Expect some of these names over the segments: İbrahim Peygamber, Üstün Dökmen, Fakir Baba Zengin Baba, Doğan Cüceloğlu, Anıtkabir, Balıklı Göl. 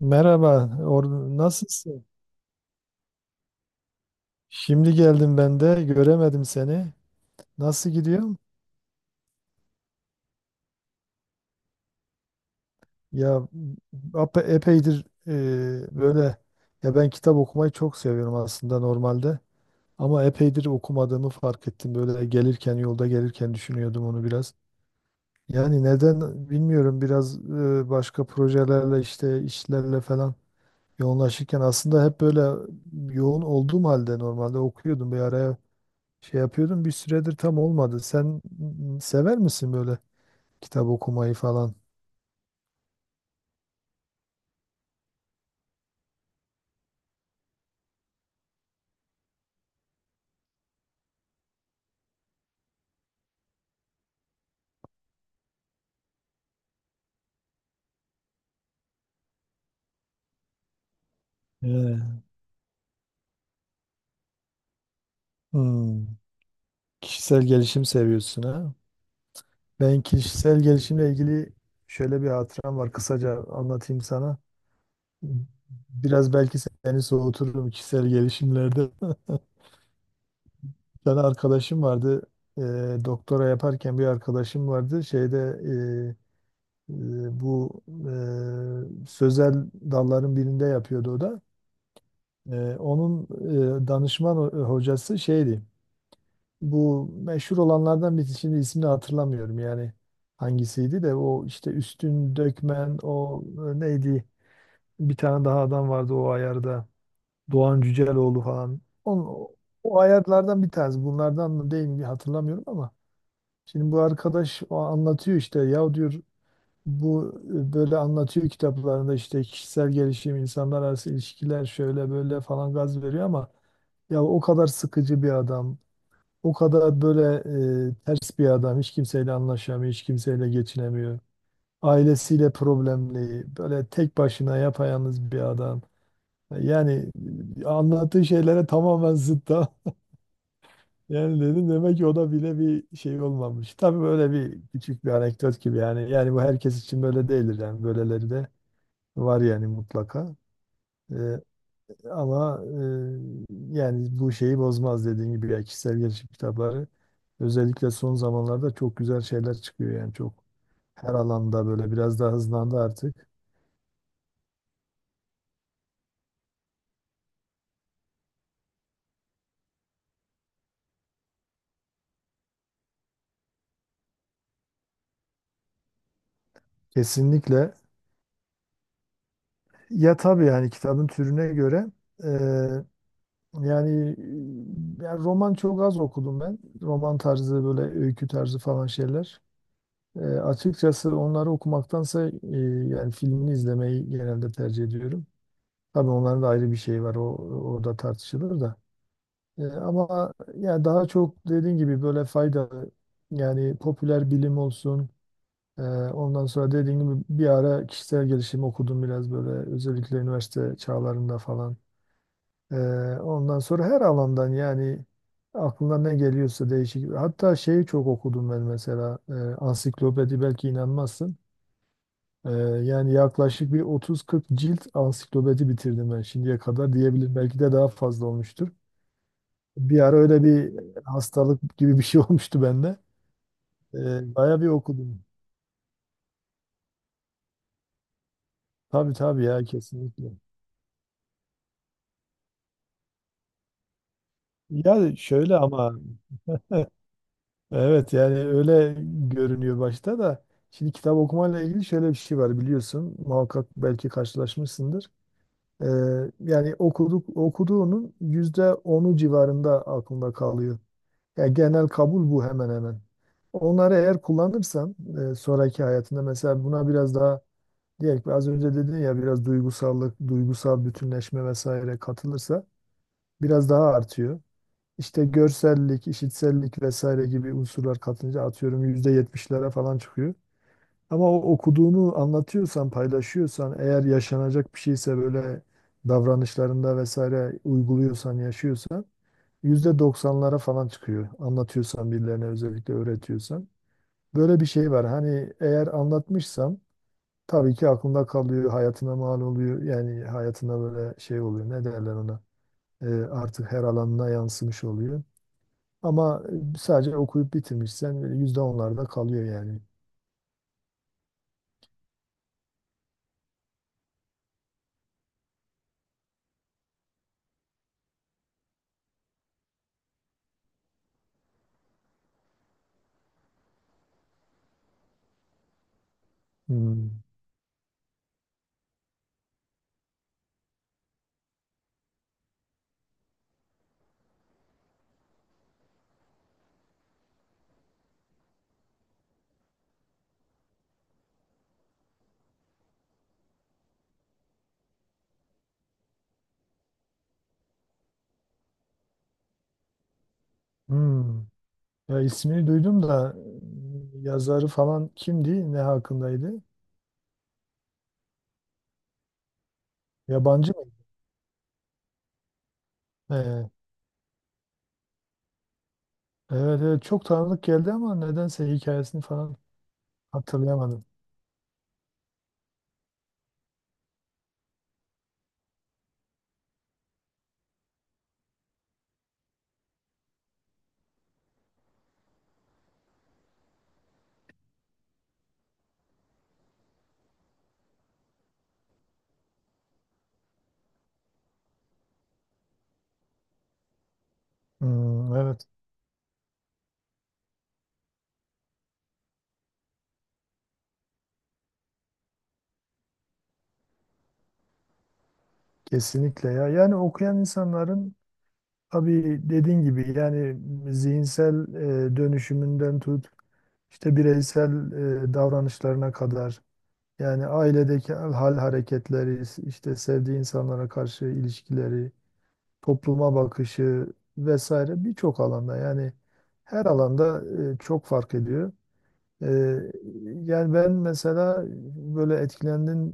Merhaba, nasılsın? Şimdi geldim ben de, göremedim seni. Nasıl gidiyor? Ya epeydir böyle ya ben kitap okumayı çok seviyorum aslında normalde. Ama epeydir okumadığımı fark ettim. Böyle gelirken yolda gelirken düşünüyordum onu biraz. Yani neden bilmiyorum biraz başka projelerle işte işlerle falan yoğunlaşırken aslında hep böyle yoğun olduğum halde normalde okuyordum bir araya. Şey yapıyordum bir süredir tam olmadı. Sen sever misin böyle kitap okumayı falan? Ee, Hmm, Kişisel gelişim seviyorsun ha? Ben kişisel gelişimle ilgili şöyle bir hatıram var. Kısaca anlatayım sana. Biraz belki seni soğuturum kişisel gelişimlerde. Bir tane arkadaşım vardı. Ee, Doktora yaparken bir arkadaşım vardı. Şeyde e, bu sözel dalların birinde yapıyordu o da. Onun danışman hocası şeydi. Bu meşhur olanlardan birisi, şimdi ismini hatırlamıyorum yani hangisiydi, de o işte Üstün Dökmen, o neydi, bir tane daha adam vardı o ayarda, Doğan Cüceloğlu falan. Onun, o ayarlardan bir tanesi bunlardan mı değil mi hatırlamıyorum ama şimdi bu arkadaş o anlatıyor işte, ya diyor bu böyle anlatıyor kitaplarında işte kişisel gelişim, insanlar arası ilişkiler şöyle böyle falan, gaz veriyor ama ya o kadar sıkıcı bir adam, o kadar böyle ters bir adam, hiç kimseyle anlaşamıyor, hiç kimseyle geçinemiyor. Ailesiyle problemli, böyle tek başına yapayalnız bir adam. Yani anlattığı şeylere tamamen zıt da. Yani dedim demek ki o da bile bir şey olmamış. Tabii böyle bir küçük bir anekdot gibi yani. Yani bu herkes için böyle değildir yani, böyleleri de var yani mutlaka. Eee, ama Yani bu şeyi bozmaz, dediğim gibi ya kişisel gelişim kitapları özellikle son zamanlarda çok güzel şeyler çıkıyor, yani çok her alanda böyle biraz daha hızlandı artık. Kesinlikle ya tabii, yani kitabın türüne göre eee, yani, yani roman çok az okudum ben. Roman tarzı, böyle öykü tarzı falan şeyler. Açıkçası onları okumaktansa yani filmini izlemeyi genelde tercih ediyorum. Tabii onların da ayrı bir şeyi var. O orada tartışılır da. Ama yani daha çok dediğin gibi böyle faydalı, yani popüler bilim olsun. Ondan sonra dediğin gibi bir ara kişisel gelişim okudum biraz, böyle özellikle üniversite çağlarında falan. E, Ondan sonra her alandan, yani aklına ne geliyorsa değişik. Hatta şeyi çok okudum ben mesela, ansiklopedi, belki inanmazsın. Ee, Yani yaklaşık bir 30-40 cilt ansiklopedi bitirdim ben şimdiye kadar diyebilirim. Belki de daha fazla olmuştur. Bir ara öyle bir hastalık gibi bir şey olmuştu bende. Bayağı bir okudum. Tabii tabii ya, kesinlikle. Ya şöyle ama evet, yani öyle görünüyor başta da. Şimdi kitap okumayla ilgili şöyle bir şey var biliyorsun. Muhakkak belki karşılaşmışsındır. Ee, Yani okuduğunun %10'u civarında aklında kalıyor. Ya genel kabul bu hemen hemen. Onları eğer kullanırsan sonraki hayatında, mesela buna biraz daha, diyelim ki az önce dedin ya, biraz duygusallık, duygusal bütünleşme vesaire katılırsa biraz daha artıyor. İşte görsellik, işitsellik vesaire gibi unsurlar katınca atıyorum %70'lere falan çıkıyor. Ama o okuduğunu anlatıyorsan, paylaşıyorsan, eğer yaşanacak bir şeyse böyle davranışlarında vesaire uyguluyorsan, yaşıyorsan %90'lara falan çıkıyor. Anlatıyorsan birilerine, özellikle öğretiyorsan. Böyle bir şey var. Hani eğer anlatmışsam tabii ki aklında kalıyor, hayatına mal oluyor. Yani hayatına böyle şey oluyor. Ne derler ona? Artık her alanına yansımış oluyor. Ama sadece okuyup bitirmişsen %10'larda kalıyor yani. Hmm. Hmm. Ya ismini duydum da yazarı falan kimdi? Ne hakkındaydı? Yabancı mı? Ee, evet evet, çok tanıdık geldi ama nedense hikayesini falan hatırlayamadım. Hmm, evet, kesinlikle ya. Yani okuyan insanların, tabii dediğin gibi yani, zihinsel dönüşümünden tut, işte bireysel davranışlarına kadar, yani ailedeki hal hareketleri, işte sevdiği insanlara karşı ilişkileri, topluma bakışı vesaire, birçok alanda yani, her alanda çok fark ediyor. Ee, Yani ben mesela, böyle etkilendin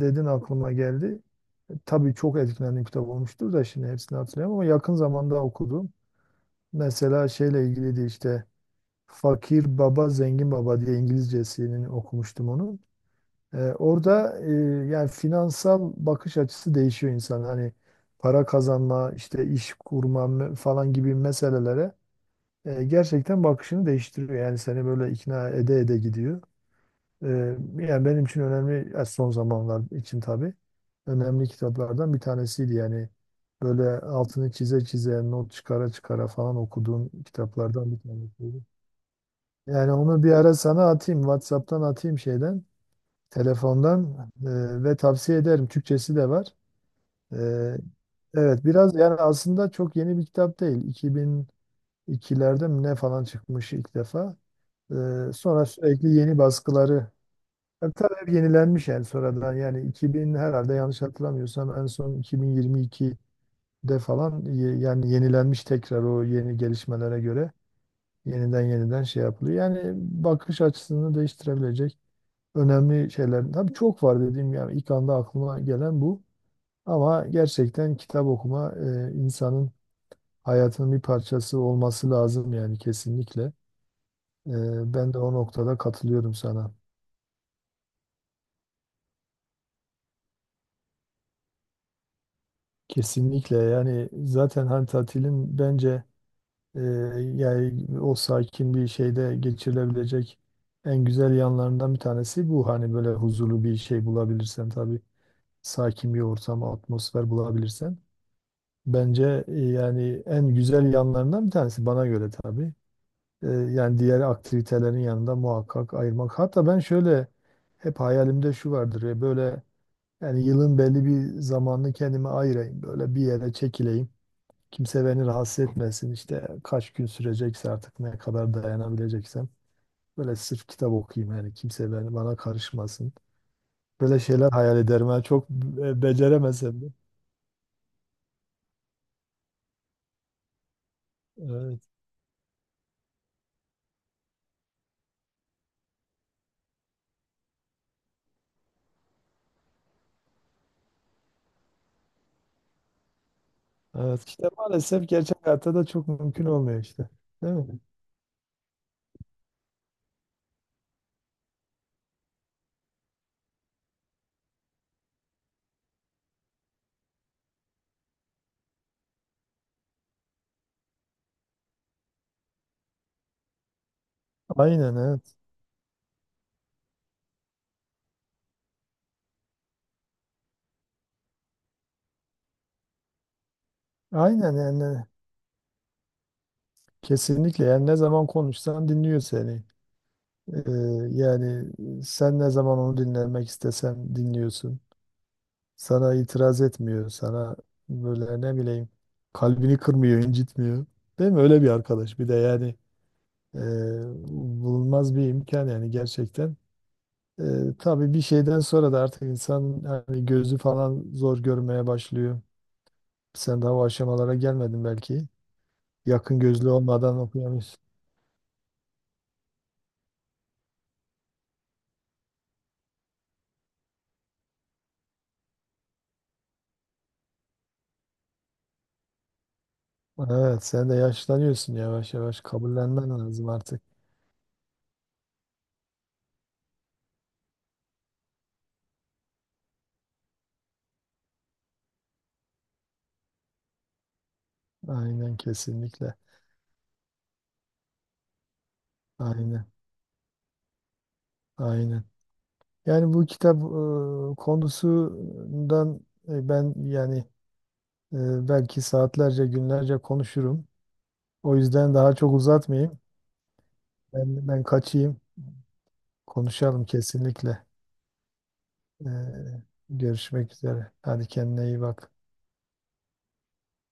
dedin, aklıma geldi. Tabii çok etkilendiğim kitap olmuştur da şimdi hepsini hatırlayamam ama yakın zamanda okudum. Mesela şeyle ilgiliydi işte, Fakir Baba Zengin Baba diye, İngilizcesini okumuştum onu. Orada yani finansal bakış açısı değişiyor insan. Hani para kazanma, işte iş kurma falan gibi meselelere gerçekten bakışını değiştiriyor. Yani seni böyle ikna ede ede gidiyor. Ee, Yani benim için önemli, son zamanlar için tabii önemli kitaplardan bir tanesiydi yani, böyle altını çize çize, not çıkara çıkara falan okuduğum kitaplardan bir tanesiydi. Yani onu bir ara sana atayım, WhatsApp'tan atayım şeyden, telefondan, ve tavsiye ederim, Türkçesi de var. E, evet biraz, yani aslında çok yeni bir kitap değil, 2002'lerde mi ne falan çıkmış ilk defa. E, Sonra sürekli yeni baskıları, ya tabii hep yenilenmiş yani, sonradan, yani 2000, herhalde yanlış hatırlamıyorsam en son 2022'de falan yani yenilenmiş tekrar, o yeni gelişmelere göre yeniden yeniden şey yapılıyor. Yani bakış açısını değiştirebilecek önemli şeyler. Tabii çok var dediğim, yani ilk anda aklıma gelen bu. Ama gerçekten kitap okuma insanın hayatının bir parçası olması lazım yani, kesinlikle. E, Ben de o noktada katılıyorum sana. Kesinlikle yani, zaten hani tatilin bence Ee, yani o sakin bir şeyde geçirilebilecek en güzel yanlarından bir tanesi bu. Hani böyle huzurlu bir şey bulabilirsen tabii, sakin bir ortam, atmosfer bulabilirsen. Bence yani en güzel yanlarından bir tanesi, bana göre tabii. Yani diğer aktivitelerin yanında muhakkak ayırmak. Hatta ben şöyle, hep hayalimde şu vardır ya, böyle yani yılın belli bir zamanını kendime ayırayım, böyle bir yere çekileyim. Kimse beni rahatsız etmesin. İşte kaç gün sürecekse artık, ne kadar dayanabileceksem. Böyle sırf kitap okuyayım yani. Kimse beni, bana karışmasın. Böyle şeyler hayal ederim. Yani çok, beceremesem de. Evet. Evet. İşte maalesef gerçek hayatta da çok mümkün olmuyor işte. Değil mi? Aynen, evet. Aynen yani. Kesinlikle yani, ne zaman konuşsan dinliyor seni. Ee, Yani sen ne zaman onu dinlemek istesen dinliyorsun. Sana itiraz etmiyor. Sana böyle, ne bileyim, kalbini kırmıyor, incitmiyor. Değil mi? Öyle bir arkadaş. Bir de yani, e, bulunmaz bir imkan yani, gerçekten. E, tabii bir şeyden sonra da artık insan hani gözü falan zor görmeye başlıyor. Sen daha o aşamalara gelmedin belki. Yakın gözlü olmadan okuyamıyorsun. Evet, sen de yaşlanıyorsun yavaş yavaş. Kabullenmen lazım artık. Aynen, kesinlikle. Aynen. Aynen. Yani bu kitap konusundan, ben yani, belki saatlerce, günlerce konuşurum. O yüzden daha çok uzatmayayım. Ben kaçayım. Konuşalım kesinlikle. E, Görüşmek üzere. Hadi kendine iyi bak.